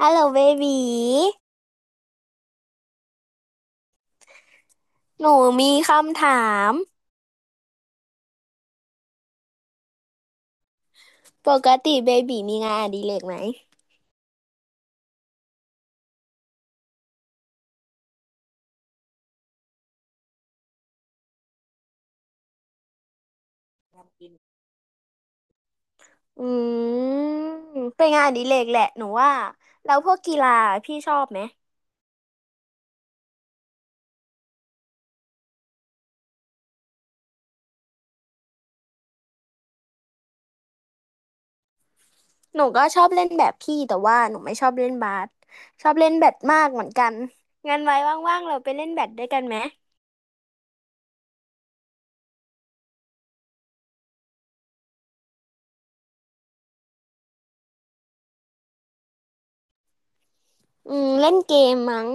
ฮัลโหลเบบีหนูมีคำถามปกติเบบีมีงานอดิเรกไหมอืเป็นงานอดิเรกแหละหนูว่าแล้วพวกกีฬาพี่ชอบไหมหนูก็ชอบเล่นแบบพี่แต่ว่าหนูไม่ชอบเล่นบาสชอบเล่นแบดมากเหมือนกันงั้นไว้ว่างๆเราไปเล่นแบดด้วยกันไหมเล่นเกมมั้ง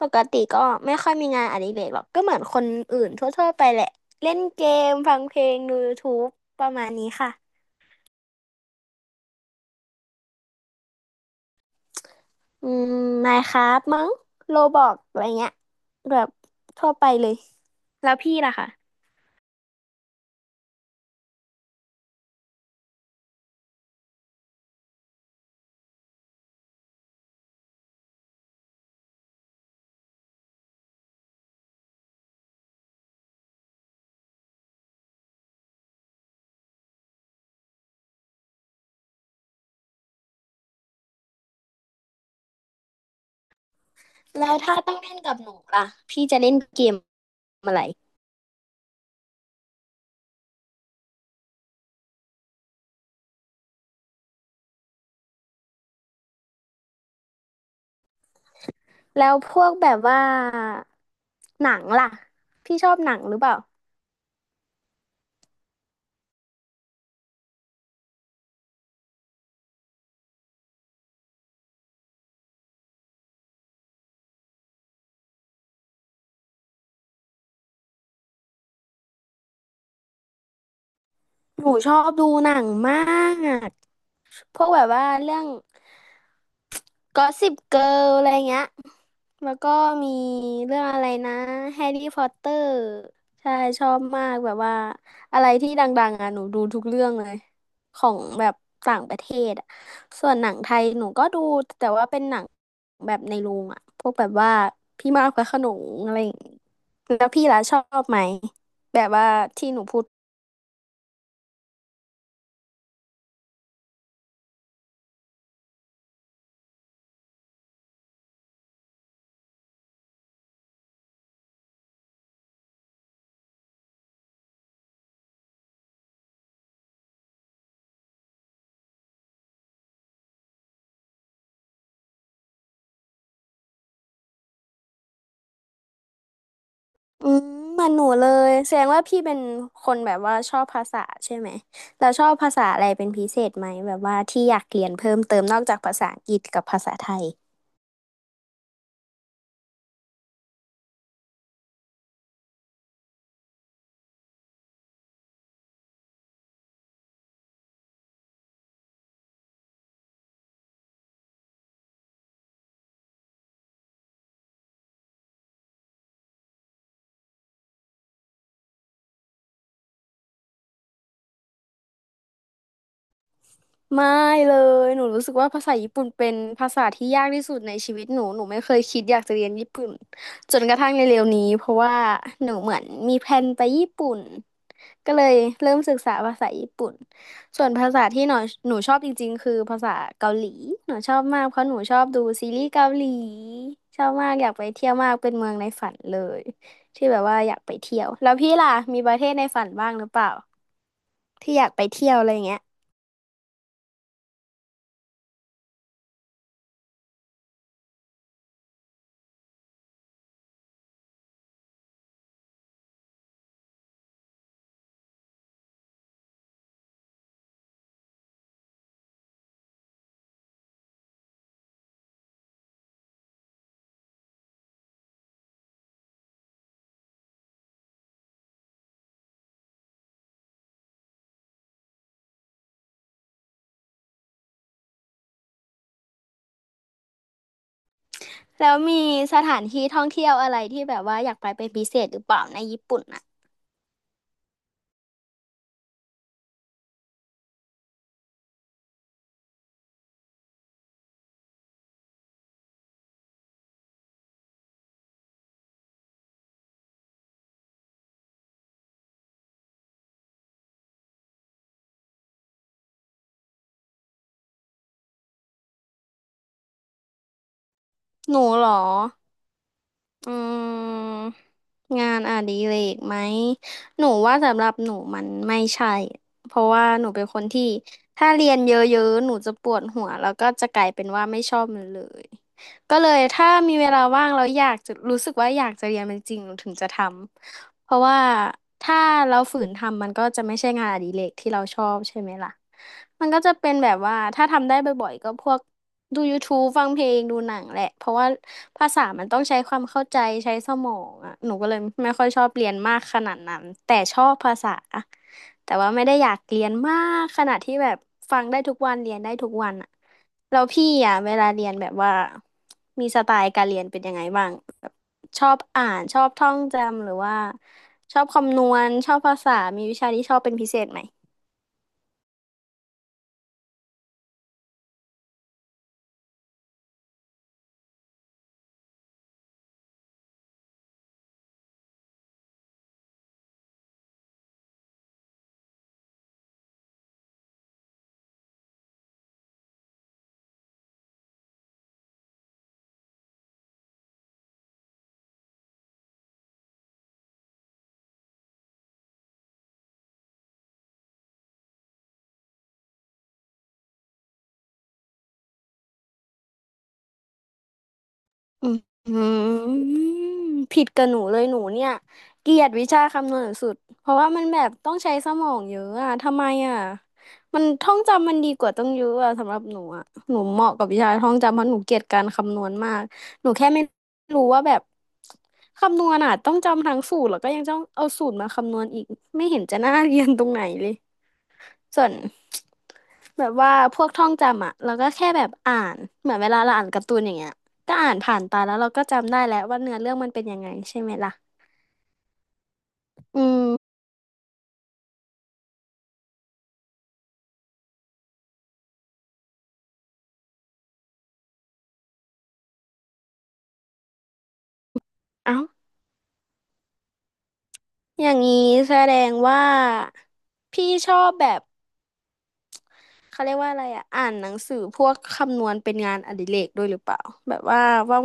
ปกติก็ไม่ค่อยมีงานอดิเรกหรอกก็เหมือนคนอื่นทั่วๆไปแหละเล่นเกมฟังเพลงดู y ู u e ประมาณนี้ค่ะ อืมไมน์คราฟมั้งโลบอกอะไรเงี้ยแบบทั่วไปเลยแล้วพี่ล่ะคะแล้วถ้าต้องเล่นกับหนูล่ะพี่จะเล่นเกมอะไรแล้วพวกแบบว่าหนังล่ะพี่ชอบหนังหรือเปล่าหนูชอบดูหนังมาก พวกแบบว่าเรื่องกอสซิปเกิร์ลอะไรเงี้ยแล้วก็มีเรื่องอะไรนะแฮร์รี่พอตเตอร์ใช่ชอบมากแบบว่าอะไรที่ดังๆอ่ะหนูดูทุกเรื่องเลยของแบบต่างประเทศอ่ะส่วนหนังไทยหนูก็ดูแต่ว่าเป็นหนังแบบในโรงอ่ะพวกแบบว่าพี่มากพระโขนงอะไรอย่างงี้แล้วพี่ล่ะชอบไหมแบบว่าที่หนูพูด อืมเหมือนหนูเลยแสดงว่าพี่เป็นคนแบบว่าชอบภาษาใช่ไหมแล้วชอบภาษาอะไรเป็นพิเศษไหมแบบว่าที่อยากเรียนเพิ่มเติมนอกจากภาษาอังกฤษกับภาษาไทย ไม่เลยหนูรู้สึกว่าภาษาญี่ปุ่นเป็นภาษาที่ยากที่สุดในชีวิตหนูหนูไม่เคยคิดอยากจะเรียนญี่ปุ่นจนกระทั่งในเร็วนี้เพราะว่าหนูเหมือนมีแพลนไปญี่ปุ่นก็เลยเริ่มศึกษาภาษาญี่ปุ่นส่วนภาษาที่หนูหนูชอบจริงๆคือภาษาเกาหลีหนูชอบมากเพราะหนูชอบดูซีรีส์เกาหลีชอบมากอยากไปเที่ยวมากเป็นเมืองในฝันเลยที่แบบว่าอยากไปเที่ยวแล้วพี่ล่ะมีประเทศในฝันบ้างหรือเปล่าที่อยากไปเที่ยวอะไรเงี้ย แล้วมีสถานที่ท่องเที่ยวอะไรที่แบบว่าอยากไปเป็นพิเศษหรือเปล่าในญี่ปุ่นน่ะหนูเหรออืมงานอดิเรกไหมหนูว่าสำหรับหนูมันไม่ใช่เพราะว่าหนูเป็นคนที่ถ้าเรียนเยอะๆหนูจะปวดหัวแล้วก็จะกลายเป็นว่าไม่ชอบมันเลยก็เลยถ้ามีเวลาว่างแล้วอยากจะรู้สึกว่าอยากจะเรียนมันจริงหนูถึงจะทำ เพราะว่าถ้าเราฝืนทำมันก็จะไม่ใช่งานอดิเรกที่เราชอบใช่ไหมล่ะมันก็จะเป็นแบบว่าถ้าทำได้บ่อยๆก็พวกดูยูทูบฟังเพลงดูหนังแหละเพราะว่าภาษามันต้องใช้ความเข้าใจใช้สมองอ่ะหนูก็เลยไม่ค่อยชอบเรียนมากขนาดนั้นแต่ชอบภาษาแต่ว่าไม่ได้อยากเรียนมากขนาดที่แบบฟังได้ทุกวันเรียนได้ทุกวันอ่ะแล้วพี่อ่ะเวลาเรียนแบบว่ามีสไตล์การเรียนเป็นยังไงบ้าง ชอบอ่านชอบท่องจำหรือว่าชอบคำนวณชอบภาษามีวิชาที่ชอบเป็นพิเศษไหมอืมผิดกับหนูเลยหนูเนี่ยเกลียดวิชาคำนวณสุดเพราะว่ามันแบบต้องใช้สมองเยอะอะทำไมอะมันท่องจำมันดีกว่าต้องเยอะอะสำหรับหนูอะหนูเหมาะกับวิชาท่องจำเพราะหนูเกลียดการคำนวณมากหนูแค่ไม่รู้ว่าแบบคำนวณอะต้องจำทั้งสูตรแล้วก็ยังต้องเอาสูตรมาคำนวณอีกไม่เห็นจะน่าเรียนตรงไหนเลย ส่วน แบบว่าพวกท่องจำอ่ะเราก็แค่แบบอ่านเหมือนเวลาเราอ่านการ์ตูนอย่างเงี้ยก็อ่านผ่านตาแล้วเราก็จำได้แล้วว่าเนื้อเรื่องมันเป็นยังไงใช่ไหมล่ะอืมเอ้าอย่างนี้แสดงว่าพี่ชอบแบบเขาเรียกว่าอะไรอ่ะอ่านหนังสือพวกคำนวณเป็นงานอดิเรกด้วยหรือเปล่าแบบว่า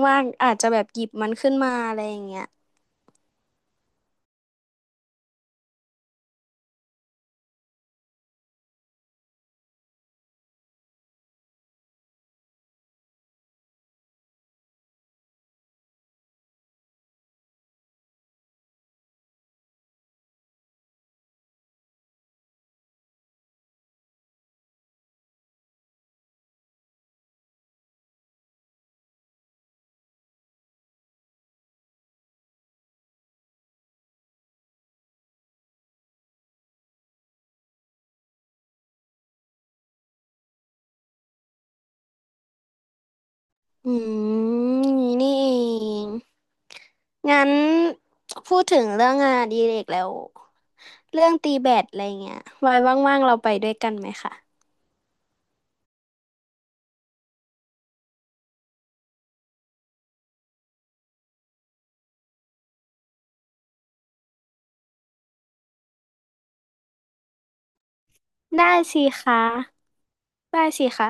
ว่างๆอาจจะแบบหยิบมันขึ้นมาอะไรอย่างเงี้ยอือย่างนี้นี่เองงั้นพูดถึงเรื่องงานอดิเรกแล้ว เรื่องตีแบดอะไรเงี้ยไว้ว่างๆเราไปด้วยกันไหมคะได้สิคะได้สิคะ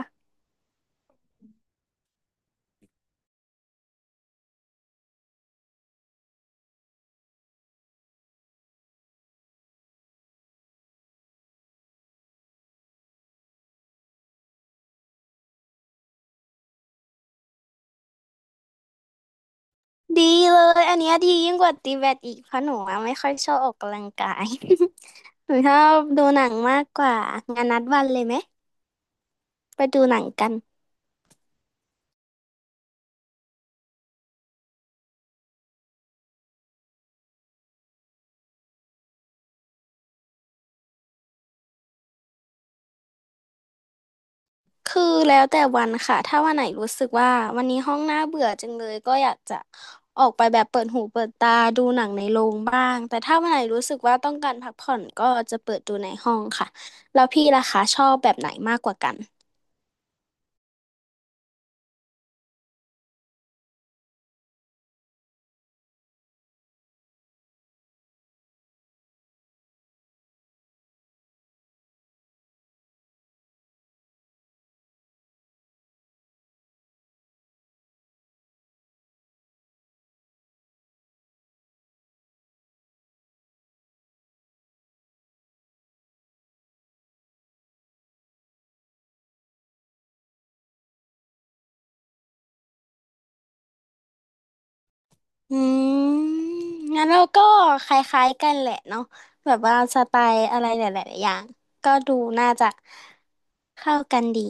ดีเลยอันเนี้ยดียิ่งกว่าตีแบดอีกเพราะหนูอะไม่ค่อยชอบออกกำลังกาย หนูชอบดูหนังมากกว่างานนัดวันเลยไหมไปดูหนังกัน คือแล้วแต่วันค่ะ ถ้าวันไหนรู้สึกว่าวันนี้ห้องน่าเบื่อจังเลยก็อยากจะออกไปแบบเปิดหูเปิดตาดูหนังในโรงบ้าง แต่ถ้าวันไหนรู้สึกว่าต้องการพักผ่อนก็จะเปิดดูในห้องค่ะแล้วพี่ล่ะคะชอบแบบไหนมากกว่ากัน อืมงั้นเราก็คล้ายๆกันแหละเนาะแบบว่าสไตล์อะไรหลายๆอย่างก็ดูน่าจะเข้ากันดี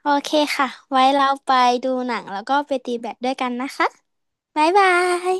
โอเคค่ะไว้เราไปดูหนังแล้วก็ไปตีแบดด้วยกันนะคะบ๊ายบาย